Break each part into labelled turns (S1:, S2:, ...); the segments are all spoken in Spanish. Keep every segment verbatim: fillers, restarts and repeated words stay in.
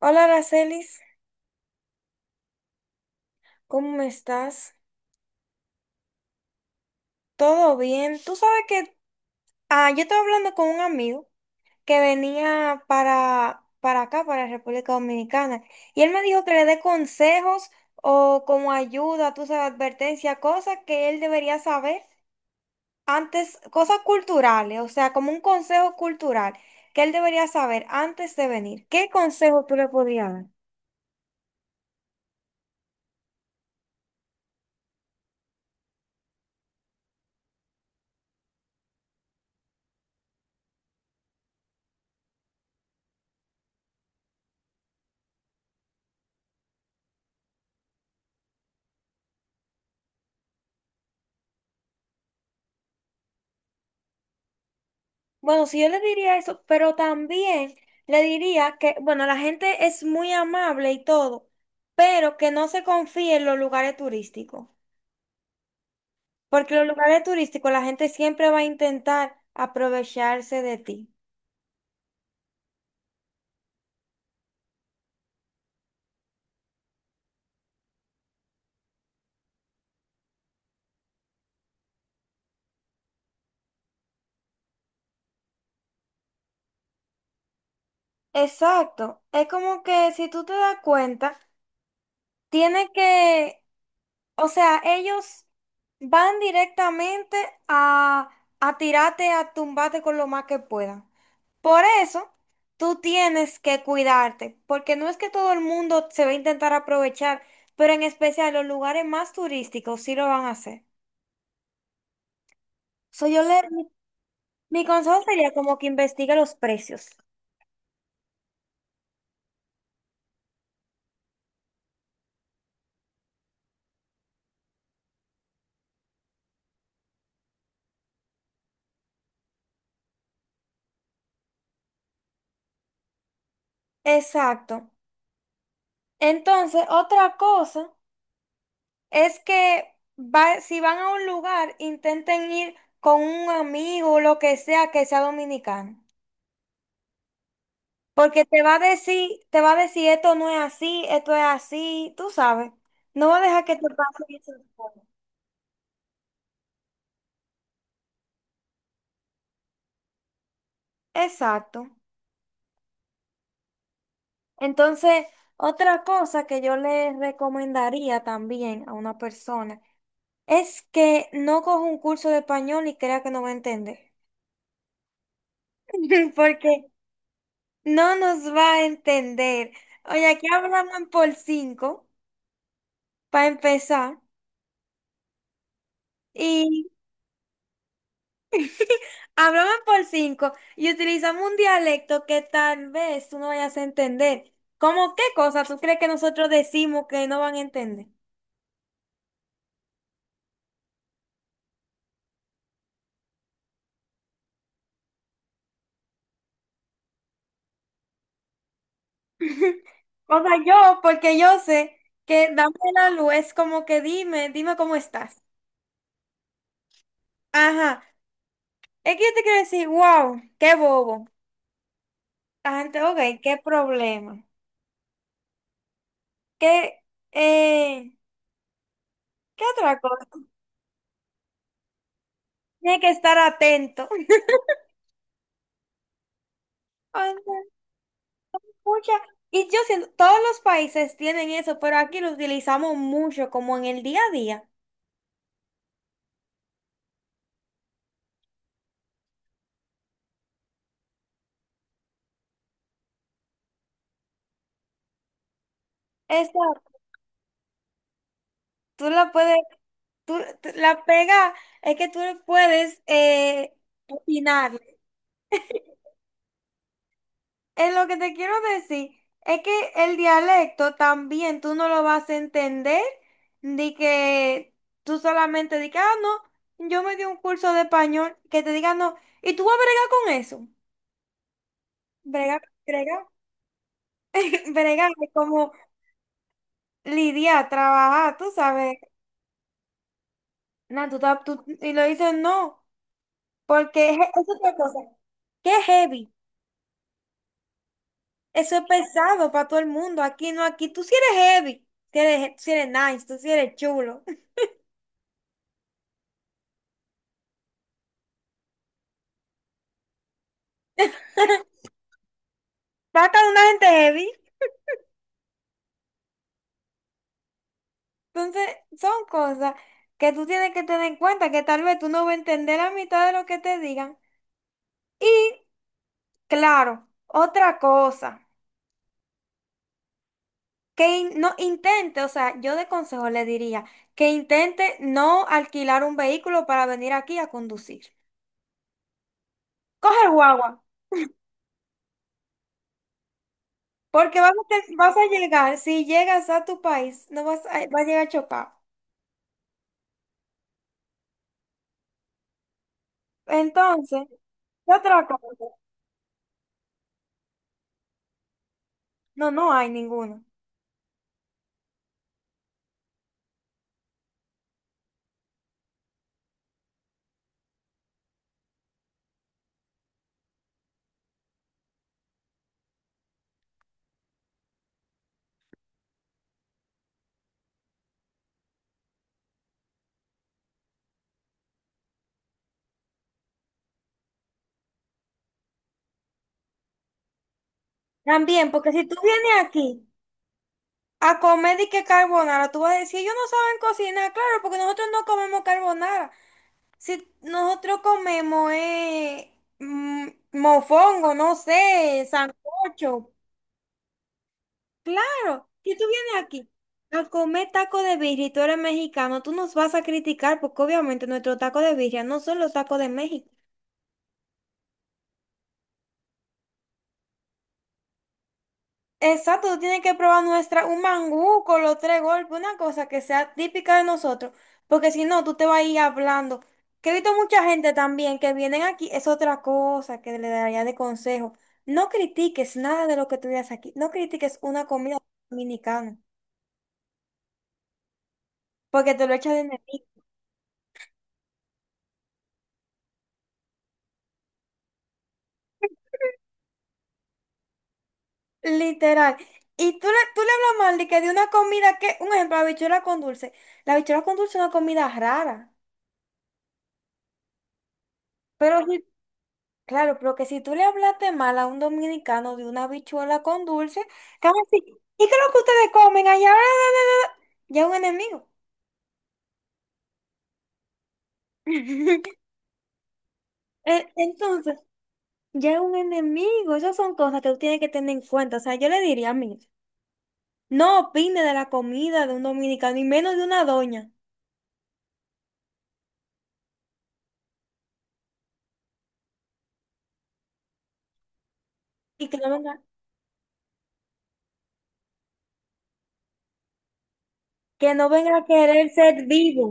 S1: Hola, Aracelis, ¿cómo estás? ¿Todo bien? Tú sabes que ah, yo estaba hablando con un amigo que venía para, para acá, para República Dominicana, y él me dijo que le dé consejos o como ayuda, tú sabes, advertencia, cosas que él debería saber antes, cosas culturales, o sea, como un consejo cultural que él debería saber antes de venir. ¿Qué consejo tú le podrías dar? Bueno, sí, yo le diría eso, pero también le diría que, bueno, la gente es muy amable y todo, pero que no se confíe en los lugares turísticos, porque los lugares turísticos la gente siempre va a intentar aprovecharse de ti. Exacto, es como que si tú te das cuenta, tiene que, o sea, ellos van directamente a, a tirarte, a tumbarte con lo más que puedan. Por eso, tú tienes que cuidarte, porque no es que todo el mundo se va a intentar aprovechar, pero en especial los lugares más turísticos sí lo van a hacer. So, yo le, mi mi consejo sería como que investigue los precios. Exacto. Entonces, otra cosa es que va- si van a un lugar, intenten ir con un amigo, o lo que sea, que sea dominicano. Porque te va a decir, te va a decir, esto no es así, esto es así, tú sabes. No va a dejar que te pase esas cosas. Exacto. Entonces, otra cosa que yo le recomendaría también a una persona es que no coja un curso de español y crea que no va a entender. Porque no nos va a entender. Oye, aquí hablaban por cinco, para empezar. Y hablaban por cinco y utilizamos un dialecto que tal vez tú no vayas a entender. ¿Cómo qué cosa tú crees que nosotros decimos que no van a entender? O sea, yo, porque yo sé que dame la luz es como que dime, dime cómo estás. Ajá. Es que yo te quiero decir, wow, qué bobo. La gente, ok, qué problema. ¿Qué, eh, qué otra cosa? Tiene que estar atento. O sea, mucha- y yo siento, todos los países tienen eso, pero aquí lo utilizamos mucho, como en el día a día. Esta, tú la puedes, tú, tú- La pega, es que tú puedes eh, opinar. Es lo que te quiero decir es que el dialecto también tú no lo vas a entender, de que tú solamente di que, ah, no, yo me di un curso de español, que te diga no, y tú vas a bregar con eso. Brega, brega. Bregar es como lidiar, trabajar, tú sabes. Nah, tú, ta- tú- y lo dices no, porque es- es otra cosa. ¿Qué es heavy? Eso es pesado para todo el mundo. Aquí no, aquí tú sí eres heavy. Si eres, tú sí eres nice, tú sí eres chulo. Vas con una gente heavy. Entonces, son cosas que tú tienes que tener en cuenta, que tal vez tú no vas a entender la mitad de lo que te digan. Y, claro, otra cosa. Que in- no intente, o sea, yo de consejo le diría que intente no alquilar un vehículo para venir aquí a conducir. Coge el guagua, porque vas a, te- vas a llegar, si llegas a tu país, no vas a, vas a llegar chocado. Entonces, ¿qué otra cosa? No, no hay ninguna. También, porque si tú vienes aquí a comer y que carbonara, tú vas a decir, ellos no saben cocinar, claro, porque nosotros no comemos carbonara. Si nosotros comemos eh, mm, mofongo, no sé, sancocho, claro, si tú vienes aquí a comer taco de birria y tú eres mexicano, tú nos vas a criticar porque obviamente nuestros tacos de birria no son los tacos de México. Exacto, tú tienes que probar nuestra, un mangú con los tres golpes, una cosa que sea típica de nosotros, porque si no, tú te vas a ir hablando. Que he visto mucha gente también que vienen aquí, es otra cosa que le daría de consejo. No critiques nada de lo que tú veas aquí, no critiques una comida dominicana, porque te lo echas de enemigo, literal. Y tú le, tú le hablas mal de que de una comida que, un ejemplo, la habichuela con dulce. La habichuela con dulce es una comida rara, pero si claro, pero que si tú le hablaste mal a un dominicano de una habichuela con dulce, te van a decir, ¿y qué es lo que ustedes comen allá? Ya es un enemigo. E- Entonces, ya es un enemigo. Esas son cosas que tú tienes que tener en cuenta. O sea, yo le diría, a mí, no opine de la comida de un dominicano y menos de una doña. Y que no venga, que no venga a querer ser vivo.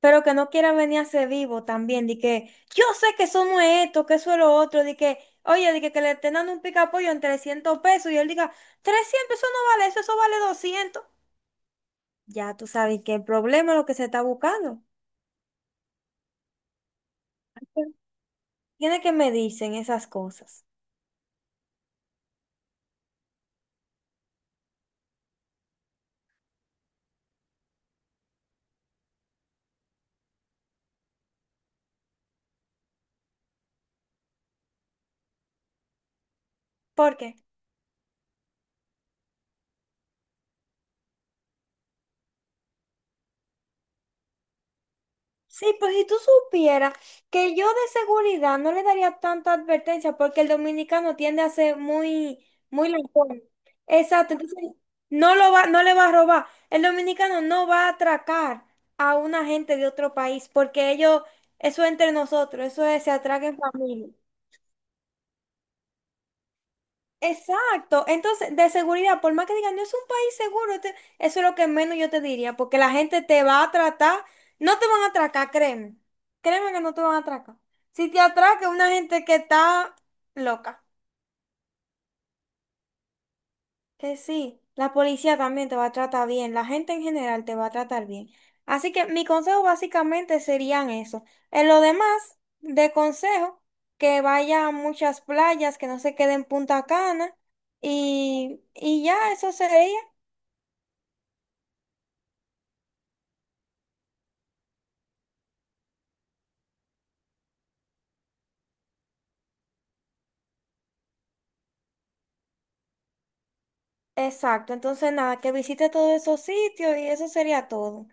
S1: Pero que no quiera venir a ser vivo también, de que yo sé que eso no es esto, que eso es lo otro, de que, oye, de que, que le estén dando un picapollo en trescientos pesos y él diga, trescientos, eso no vale eso, eso vale doscientos. Ya tú sabes que el problema es lo que se está buscando. Tiene que medirse en esas cosas. ¿Por qué? Sí, pues si tú supieras que yo de seguridad no le daría tanta advertencia porque el dominicano tiende a ser muy, muy loco. Exacto, entonces no lo va, no le va a robar. El dominicano no va a atracar a una gente de otro país porque ellos, eso es entre nosotros, eso es, se atraca en familia. Exacto. Entonces, de seguridad, por más que digan, no es un país seguro, este- eso es lo que menos yo te diría, porque la gente te va a tratar, no te van a atracar, créeme. Créeme que no te van a atracar. Si te atraca es una gente que está loca, que sí, la policía también te va a tratar bien, la gente en general te va a tratar bien. Así que mi consejo básicamente serían eso. En lo demás, de consejo, que vaya a muchas playas, que no se quede en Punta Cana. Y, y ya, eso sería. Exacto, entonces nada, que visite todos esos sitios y eso sería todo.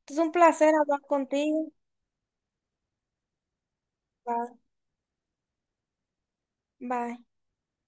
S1: Entonces un placer hablar contigo. Bye. Bye.